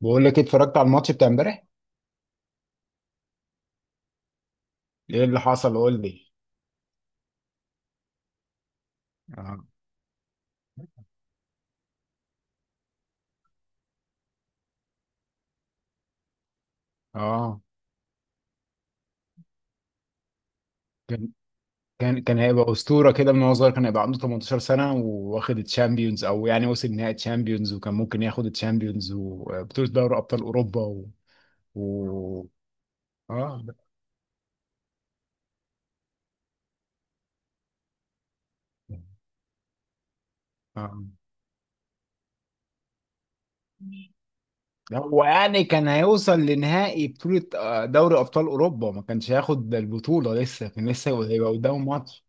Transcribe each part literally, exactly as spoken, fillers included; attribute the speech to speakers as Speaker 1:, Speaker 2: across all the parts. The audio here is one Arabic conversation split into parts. Speaker 1: بقول لك إيه؟ اتفرجت على الماتش بتاع امبارح. ايه اللي حصل؟ قول لي. اه. اه. كان كان كان هيبقى اسطوره كده من وهو صغير، كان هيبقى عنده ثمانية عشر سنة سنه وواخد الشامبيونز، او يعني وصل نهائي الشامبيونز وكان ممكن ياخد الشامبيونز وبطوله دوري ابطال اوروبا و, و... اه. اه. لا، هو يعني كان هيوصل لنهائي بطوله آه، دوري ابطال اوروبا. ما كانش هياخد البطوله لسه، كان لسه هيبقى قدامه ماتش.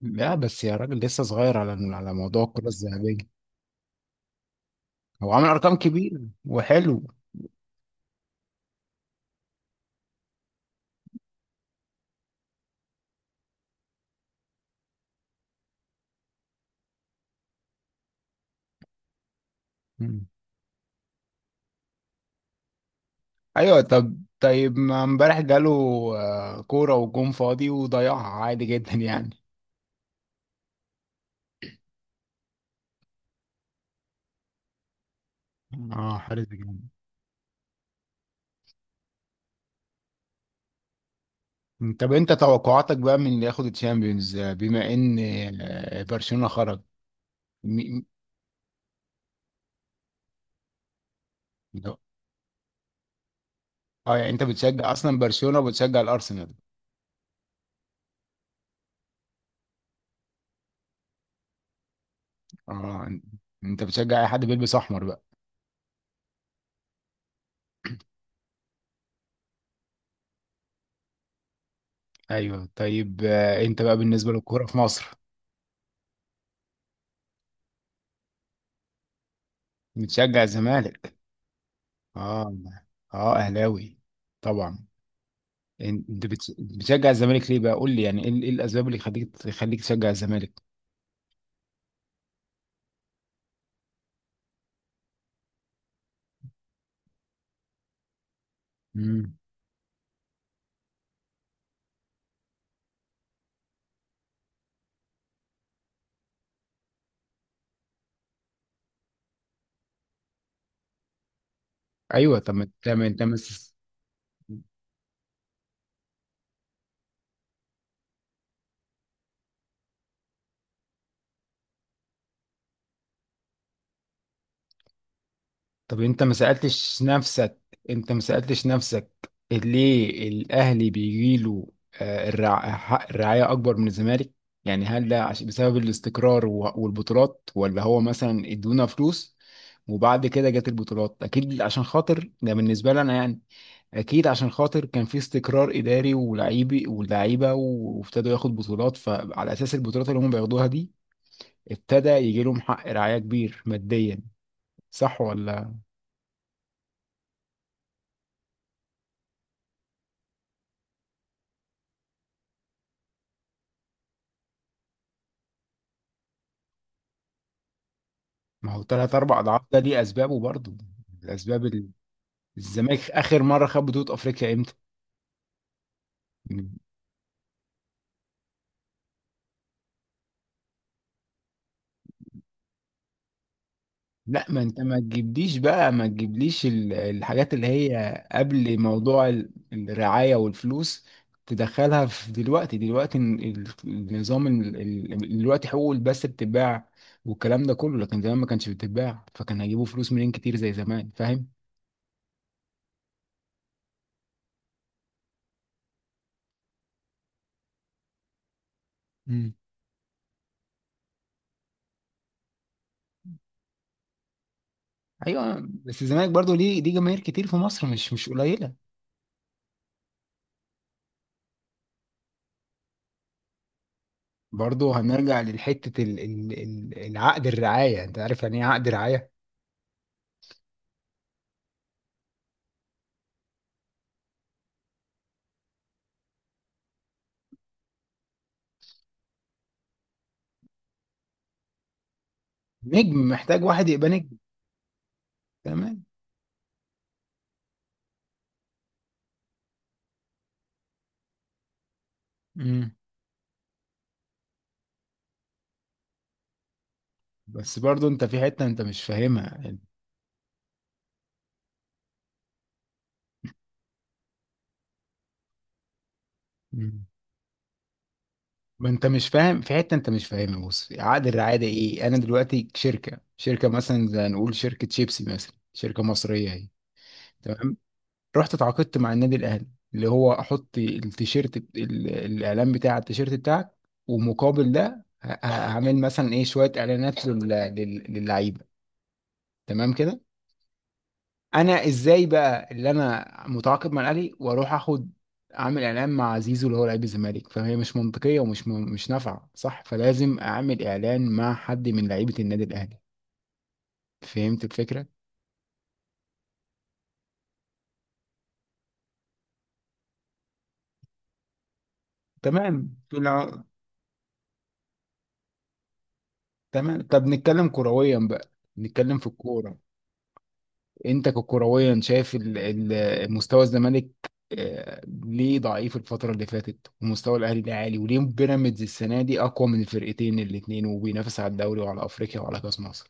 Speaker 1: لا بس يا راجل، لسه صغير على على موضوع الكره الذهبيه. هو عامل ارقام كبير وحلو. مم. ايوه طب طيب، ما امبارح جاله آه، كوره وجون فاضي وضيعها عادي جدا يعني. اه، حارس جامد. طب انت توقعاتك بقى من اللي ياخد الشامبيونز آه، بما ان آه، برشلونه خرج. م- م- لو- اه، يعني انت بتشجع اصلا برشلونه وبتشجع الارسنال؟ اه ان- انت بتشجع اي حد بيلبس احمر بقى؟ ايوه طيب آه، انت بقى بالنسبه للكوره في مصر، بتشجع الزمالك؟ اه. اه، اهلاوي طبعا. انت بت- بتشجع الزمالك ليه بقى؟ قول لي يعني ايه، إيه الاسباب اللي خليك تخليك تشجع الزمالك؟ امم. ايوه طب، ما انت ما انت ما س- طب انت ما سالتش نفسك، انت ما سالتش نفسك ليه الاهلي بيجي له حق الرعايه اكبر من الزمالك؟ يعني هل ده عش- بسبب الاستقرار و- والبطولات، ولا هو مثلا ادونا فلوس وبعد كده جت البطولات؟ اكيد عشان خاطر ده بالنسبه لي انا يعني. اكيد عشان خاطر كان في استقرار اداري ولاعيبي ولاعيبه وابتدوا ياخد بطولات، فعلى اساس البطولات اللي هم بياخدوها دي ابتدى يجي لهم حق رعايه كبير ماديا. صح ولا؟ ما هو ثلاث اربع اضعاف ده ليه اسبابه برضه. الاسباب ال- الزمالك اخر مره خد بطوله افريقيا امتى؟ لا ما انت، ما تجيبليش بقى، ما تجيبليش ال- الحاجات اللي هي قبل موضوع ال- الرعاية والفلوس. تدخلها في دلوقتي، دلوقتي ال- النظام ال- ال- دلوقتي حقوق البث بتتباع والكلام ده كله، لكن زمان ما كانش بتتباع، فكان هيجيبوا فلوس منين كتير زي زمان؟ فاهم. امم. ايوه. بس الزمالك برضو ليه ليه جماهير كتير في مصر، مش مش قليلة. برضو هنرجع لحتة ال- ال- ال- العقد، الرعاية. انت عارف يعني ايه عقد رعاية؟ نجم، محتاج واحد يبقى نجم. تمام. بس برضو انت في حتة انت مش فاهمها. مم. ما انت مش فاهم في حتة انت مش فاهمها. بص، عقد الرعاية ايه؟ انا دلوقتي شركة، شركة مثلا زي نقول شركة شيبسي مثلا، شركة مصرية اهي. تمام. رحت اتعاقدت مع النادي الاهلي، اللي هو احط التيشيرت، بت- ال- الاعلان بتاع التيشيرت بتاعك. ومقابل ده ه- ه- هعمل مثلا ايه، شوية اعلانات لل- لل- للعيبة. تمام كده. انا ازاي بقى اللي انا متعاقد مع الاهلي واروح اخد، اعمل اعلان مع زيزو اللي هو لعيب الزمالك؟ فهي مش منطقيه ومش م... مش نافعه، صح؟ فلازم اعمل اعلان مع حد من لعيبه النادي الاهلي. فهمت الفكره؟ تمام طلع- تمام طب نتكلم كرويا بقى، نتكلم في الكوره. انت ككرويا شايف ال... ال... مستوى الزمالك آه، ليه ضعيف الفترة اللي فاتت، ومستوى الأهلي ليه عالي، وليه بيراميدز السنة دي أقوى من الفرقتين الاتنين وبينافس على الدوري وعلى أفريقيا وعلى كأس مصر؟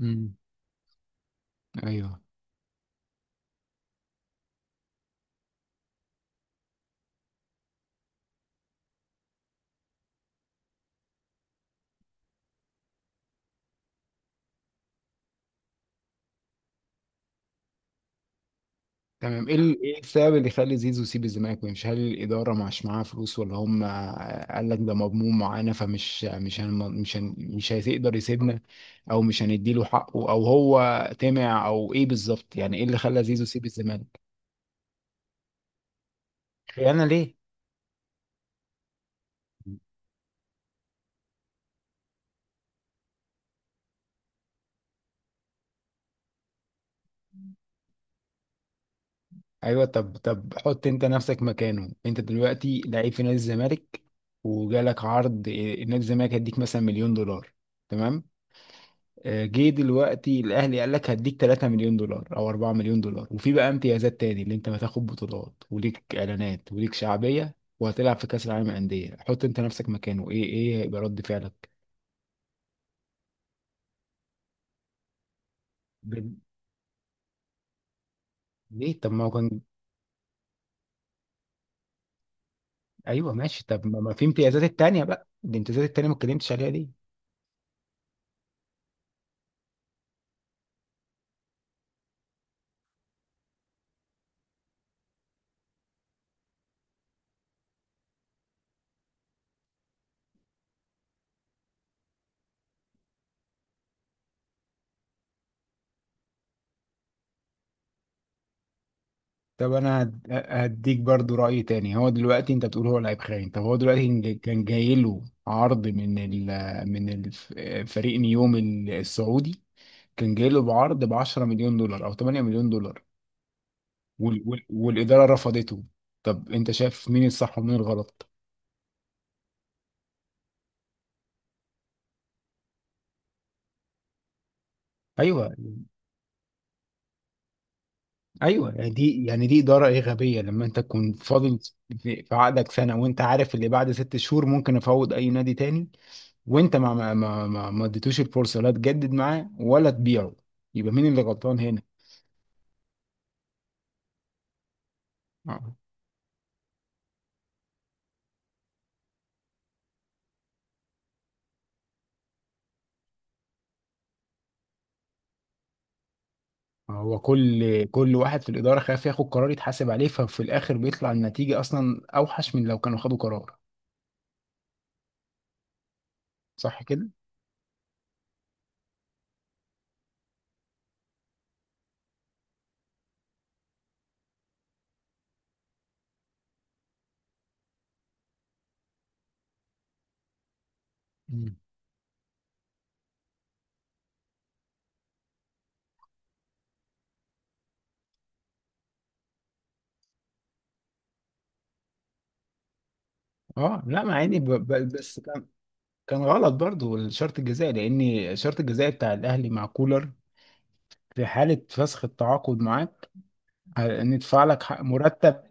Speaker 1: امم. ايوه. تمام. ايه ال- ايه السبب اللي يخلي زيزو يسيب الزمالك ويمشي؟ هل الاداره مش معاها فلوس، ولا هم قال لك ده مضمون معانا فمش مش هن مش هن مش هيقدر يسيبنا؟ او مش هنديله حقه، او هو طمع، او ايه بالظبط يعني ايه اللي خلى زيزو يسيب الزمالك؟ خيانة ليه؟ ايوه طب طب حط انت نفسك مكانه. انت دلوقتي لعيب في نادي الزمالك، وجالك عرض إيه، نادي الزمالك هيديك مثلا مليون دولار، تمام، آه، جه دلوقتي الاهلي قال لك هديك 3 مليون دولار او 4 مليون دولار، وفي بقى امتيازات تاني اللي انت هتاخد بطولات وليك اعلانات وليك شعبيه وهتلعب في كاس العالم للانديه. حط انت نفسك مكانه، ايه، ايه هيبقى رد فعلك؟ ب- ليه؟ طب ما هو كان. ايوه ماشي. طب ما ما في امتيازات التانيه بقى، الامتيازات التانيه ما اتكلمتش عليها دي. طب انا هد- هديك برضو راي تاني. هو دلوقتي انت بتقول هو لعيب خاين. طب هو دلوقتي كان جاي كان جاي له عرض من ال من الف- آه، فريق نيوم السعودي، كان جاي له بعرض ب 10 مليون دولار او 8 مليون دولار، وال... وال... والاداره رفضته. طب انت شايف مين الصح ومين الغلط؟ ايوه. ايوه يعني دي، يعني دي اداره ايه، غبيه. لما انت تكون فاضل في في عقدك سنه، وانت عارف اللي بعد ست شهور ممكن افوض اي نادي تاني، وانت ما ما ما ما ما اديتوش الفرصه، لا تجدد معاه ولا تبيعه، يبقى مين اللي غلطان هنا؟ آه. هو كل كل واحد في الاداره خايف ياخد قرار يتحاسب عليه، ففي الاخر بيطلع النتيجه اصلا اوحش من لو كانوا خدوا قرار. صح. مم. اه لا، ما عادي ب- ب- بس كان كان غلط برضو الشرط الجزائي، لان الشرط الجزائي بتاع الاهلي مع كولر في حاله فسخ التعاقد معاه ه- ندفع لك حق مرتب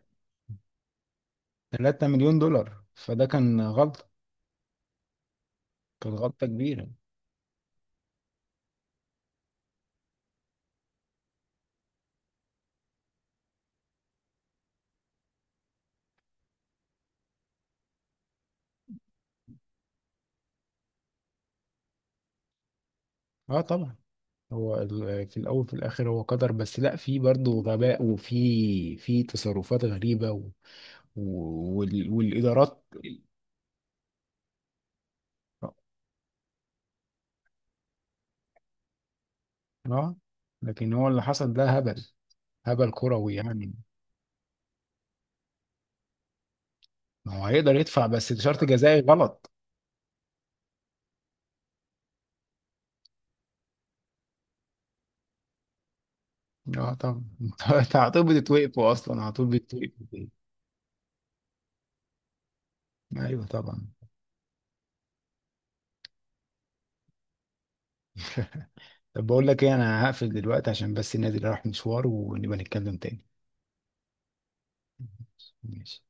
Speaker 1: 3 مليون دولار، فده كان غلطه، كان غلطه كبيره. اه طبعا. هو ال- في الاول في الاخر هو قدر، بس لا، في برضو غباء وفي في تصرفات غريبه و و- وال- والادارات اه. آه، لكن هو اللي حصل ده هبل، هبل كروي يعني. ما هو هيقدر يدفع، بس شرط جزائي غلط. اه طبعا انت على طول بتتوقفوا اصلا على طول بتتوقفوا. ايوه طبعا. طب بقول لك ايه، انا هقفل دلوقتي عشان بس النادي راح مشوار ونبقى نتكلم تاني. ماشي.